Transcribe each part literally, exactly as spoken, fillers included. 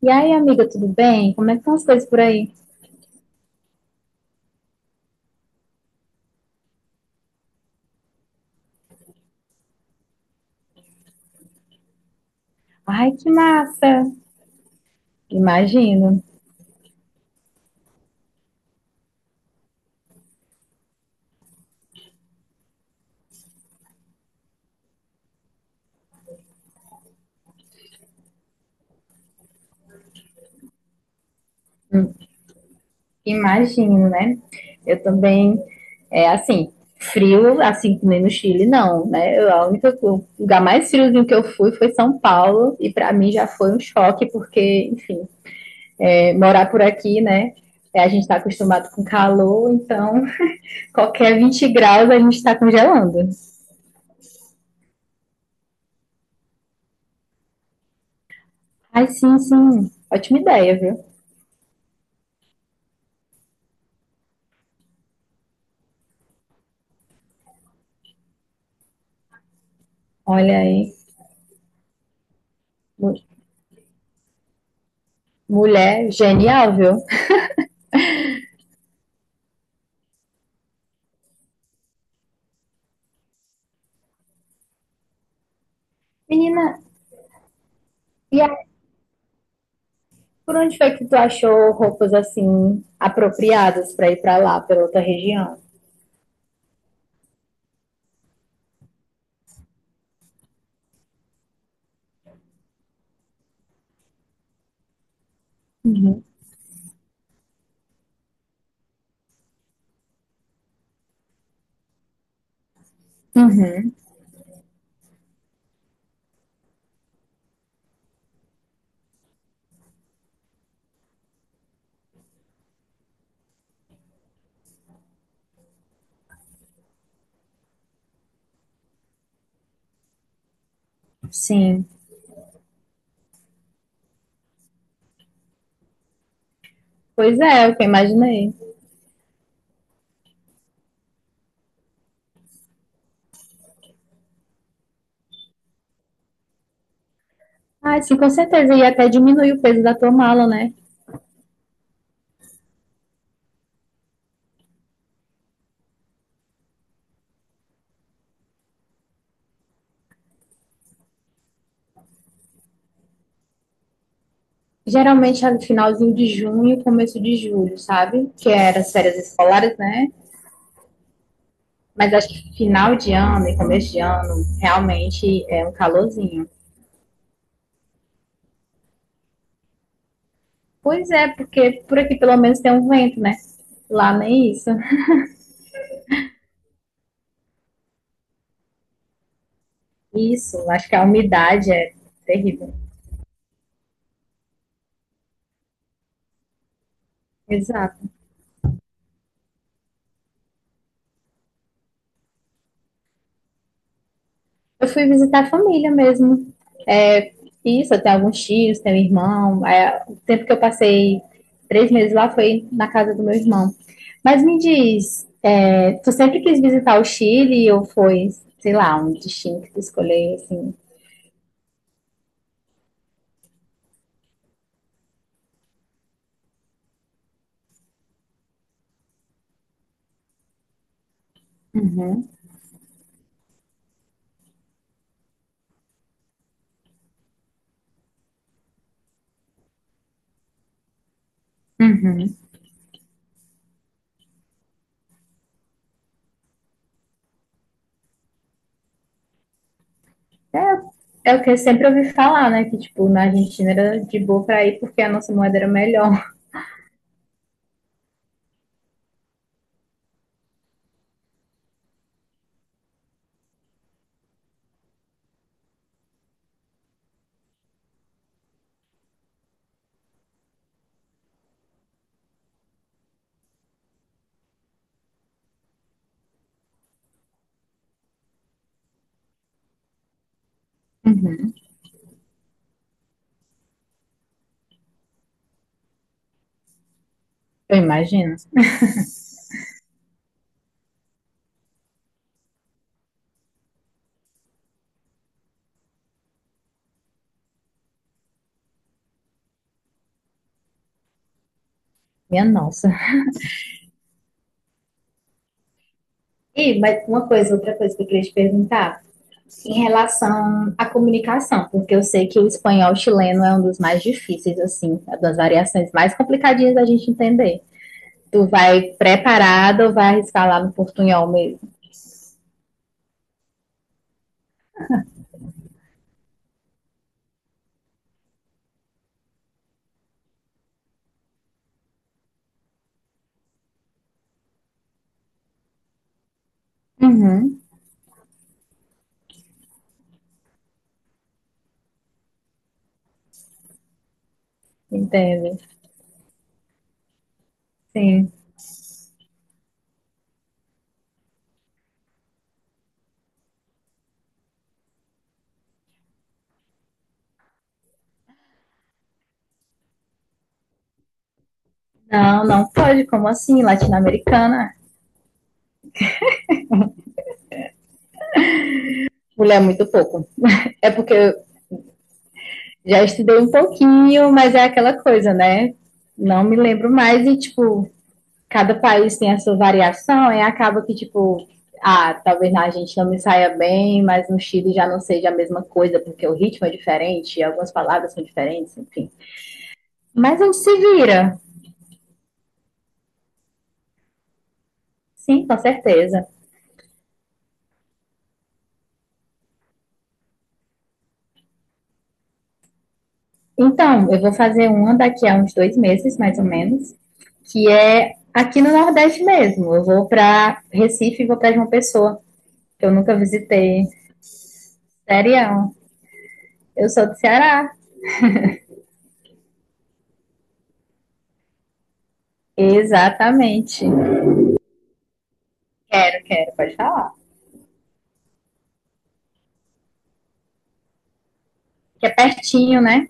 E aí, amiga, tudo bem? Como é que estão as coisas por aí? Ai, que massa! Imagino, imagino, né? Eu também, é assim, frio, assim que nem no Chile, não, né? Eu, a única, o lugar mais friozinho que eu fui foi São Paulo, e para mim já foi um choque, porque, enfim, é, morar por aqui, né? É, a gente está acostumado com calor, então qualquer vinte graus a gente está congelando. Ai, sim, sim, ótima ideia, viu? Olha aí, mu- mulher genial, viu? Menina, e aí, por onde foi que tu achou roupas assim apropriadas pra ir pra lá, pra outra região? Uhum. Uhum, sim. Pois é, o que eu imaginei. Ah, sim, com certeza. E até diminui o peso da tua mala, né? Geralmente é no finalzinho de junho, começo de julho, sabe? Que era as férias escolares, né? Mas acho que final de ano e começo de ano realmente é um calorzinho. Pois é, porque por aqui pelo menos tem um vento, né? Lá nem isso. Isso, acho que a umidade é terrível. Exato. Eu fui visitar a família mesmo. É, isso, eu tenho alguns tios, tenho irmão. É, o tempo que eu passei três meses lá foi na casa do meu irmão. Mas me diz, é, tu sempre quis visitar o Chile ou foi, sei lá, um destino que tu escolheu, assim? Uhum, uhum. É, é o que eu sempre ouvi falar, né? Que, tipo, na Argentina era de boa pra ir porque a nossa moeda era melhor. Eu imagino. Minha nossa. E mas uma coisa, outra coisa que eu queria te perguntar, em relação à comunicação, porque eu sei que o espanhol chileno é um dos mais difíceis, assim, é das variações mais complicadinhas da gente entender. Tu vai preparado ou vai arriscar lá no portunhol mesmo? Uhum, entende? Sim. Não, não pode, como assim? Latino-americana? Mulher, muito pouco. É porque eu já estudei um pouquinho, mas é aquela coisa, né? Não me lembro mais e, tipo, cada país tem a sua variação, e acaba que, tipo, ah, talvez na Argentina não me saia bem, mas no Chile já não seja a mesma coisa, porque o ritmo é diferente, algumas palavras são diferentes, enfim. Mas a gente se vira, sim, com certeza. Então, eu vou fazer uma daqui a uns dois meses, mais ou menos, que é aqui no Nordeste mesmo. Eu vou para Recife e vou para João Pessoa, que eu nunca visitei. Sério, eu sou do Ceará. Exatamente. Eu quero, pode falar. Que é pertinho, né?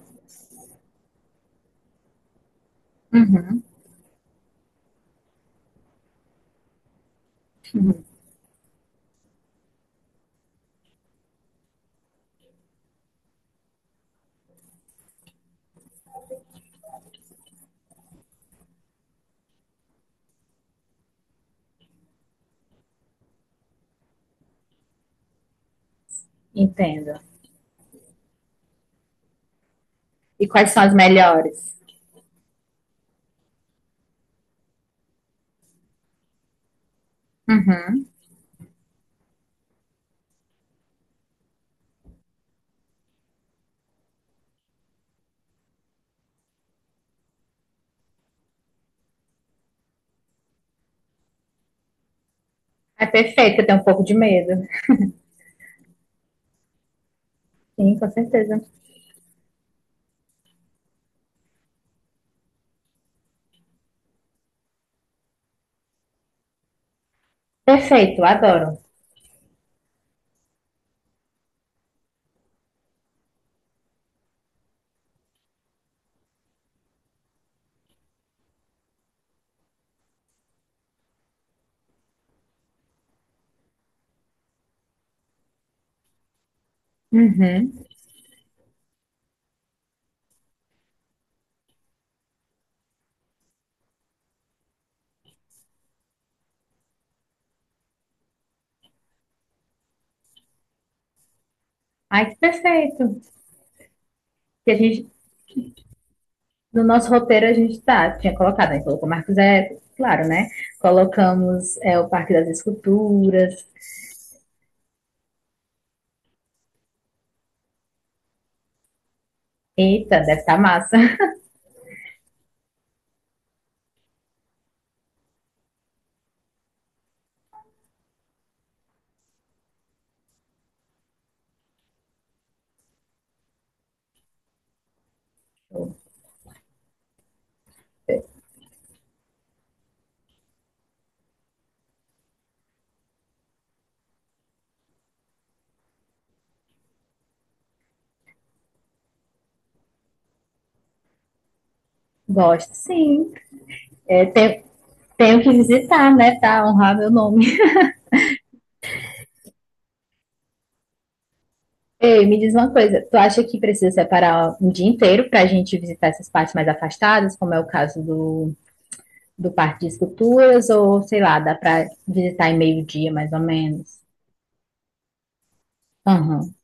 Entendo. E quais são as melhores? Uhum. É perfeito, eu tenho um pouco de medo. Sim, com certeza. Perfeito, adoro. Uhum. Ai, que perfeito. Que a gente, no nosso roteiro a gente tá, tinha colocado, a gente colocou Marcos Zé, claro, né? Colocamos é, o Parque das Esculturas. Eita, deve estar massa. Gosto, sim. É, tem- tenho que visitar, né? Tá, honrar meu nome. Ei, me diz uma coisa, tu acha que precisa separar um dia inteiro pra gente visitar essas partes mais afastadas, como é o caso do do Parque de Esculturas ou, sei lá, dá para visitar em meio-dia, mais ou menos. Uhum.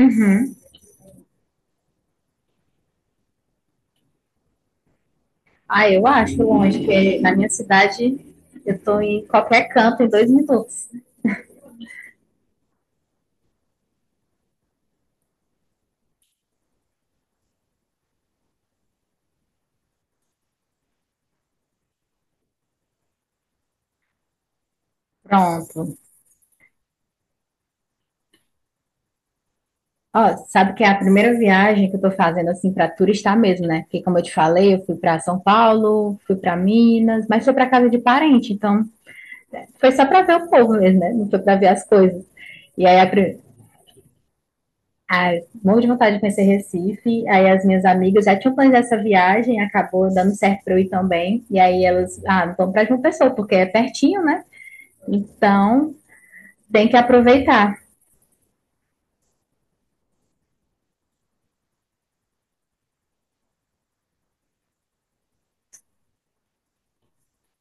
Uhum. Ah, eu acho longe, porque na minha cidade eu tô em qualquer canto em dois minutos. Pronto. Ó, sabe que é a primeira viagem que eu tô fazendo assim para turistar mesmo, né? Porque como eu te falei, eu fui para São Paulo, fui para Minas, mas foi para casa de parente, então foi só para ver o povo mesmo, né? Não foi para ver as coisas. E aí a, pri- Ai, morro de vontade de conhecer Recife. Aí as minhas amigas já tinham planejado essa viagem, acabou dando certo para eu ir também. E aí elas, ah, vamos para João Pessoa, porque é pertinho, né? Então tem que aproveitar.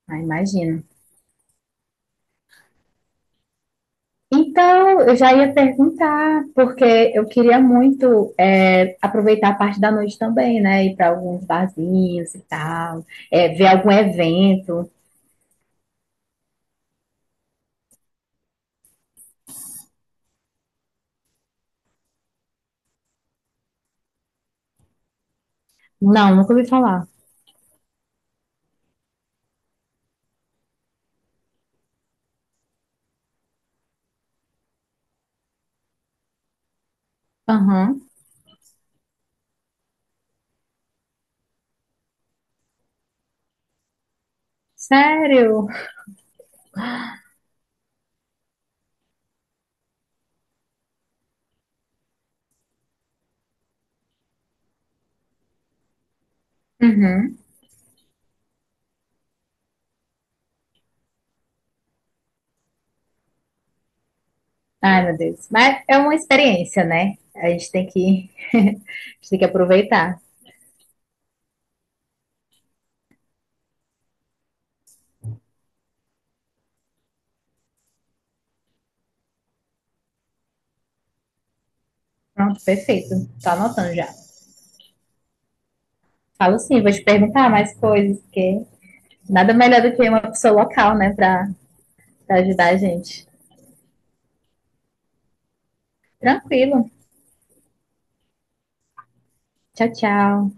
Ah, imagina. Então, eu já ia perguntar, porque eu queria muito é, aproveitar a parte da noite também, né? Ir para alguns barzinhos e tal, é, ver algum evento. Não, nunca ouvi falar. Aham. Sério? Uhum. Ai, meu Deus. Mas é uma experiência, né? A gente tem que, a gente tem que aproveitar. Pronto, perfeito. Tô anotando já. Falo sim, vou te perguntar mais coisas, porque nada melhor do que uma pessoa local, né, pra, pra ajudar a gente. Tranquilo. Tchau, tchau.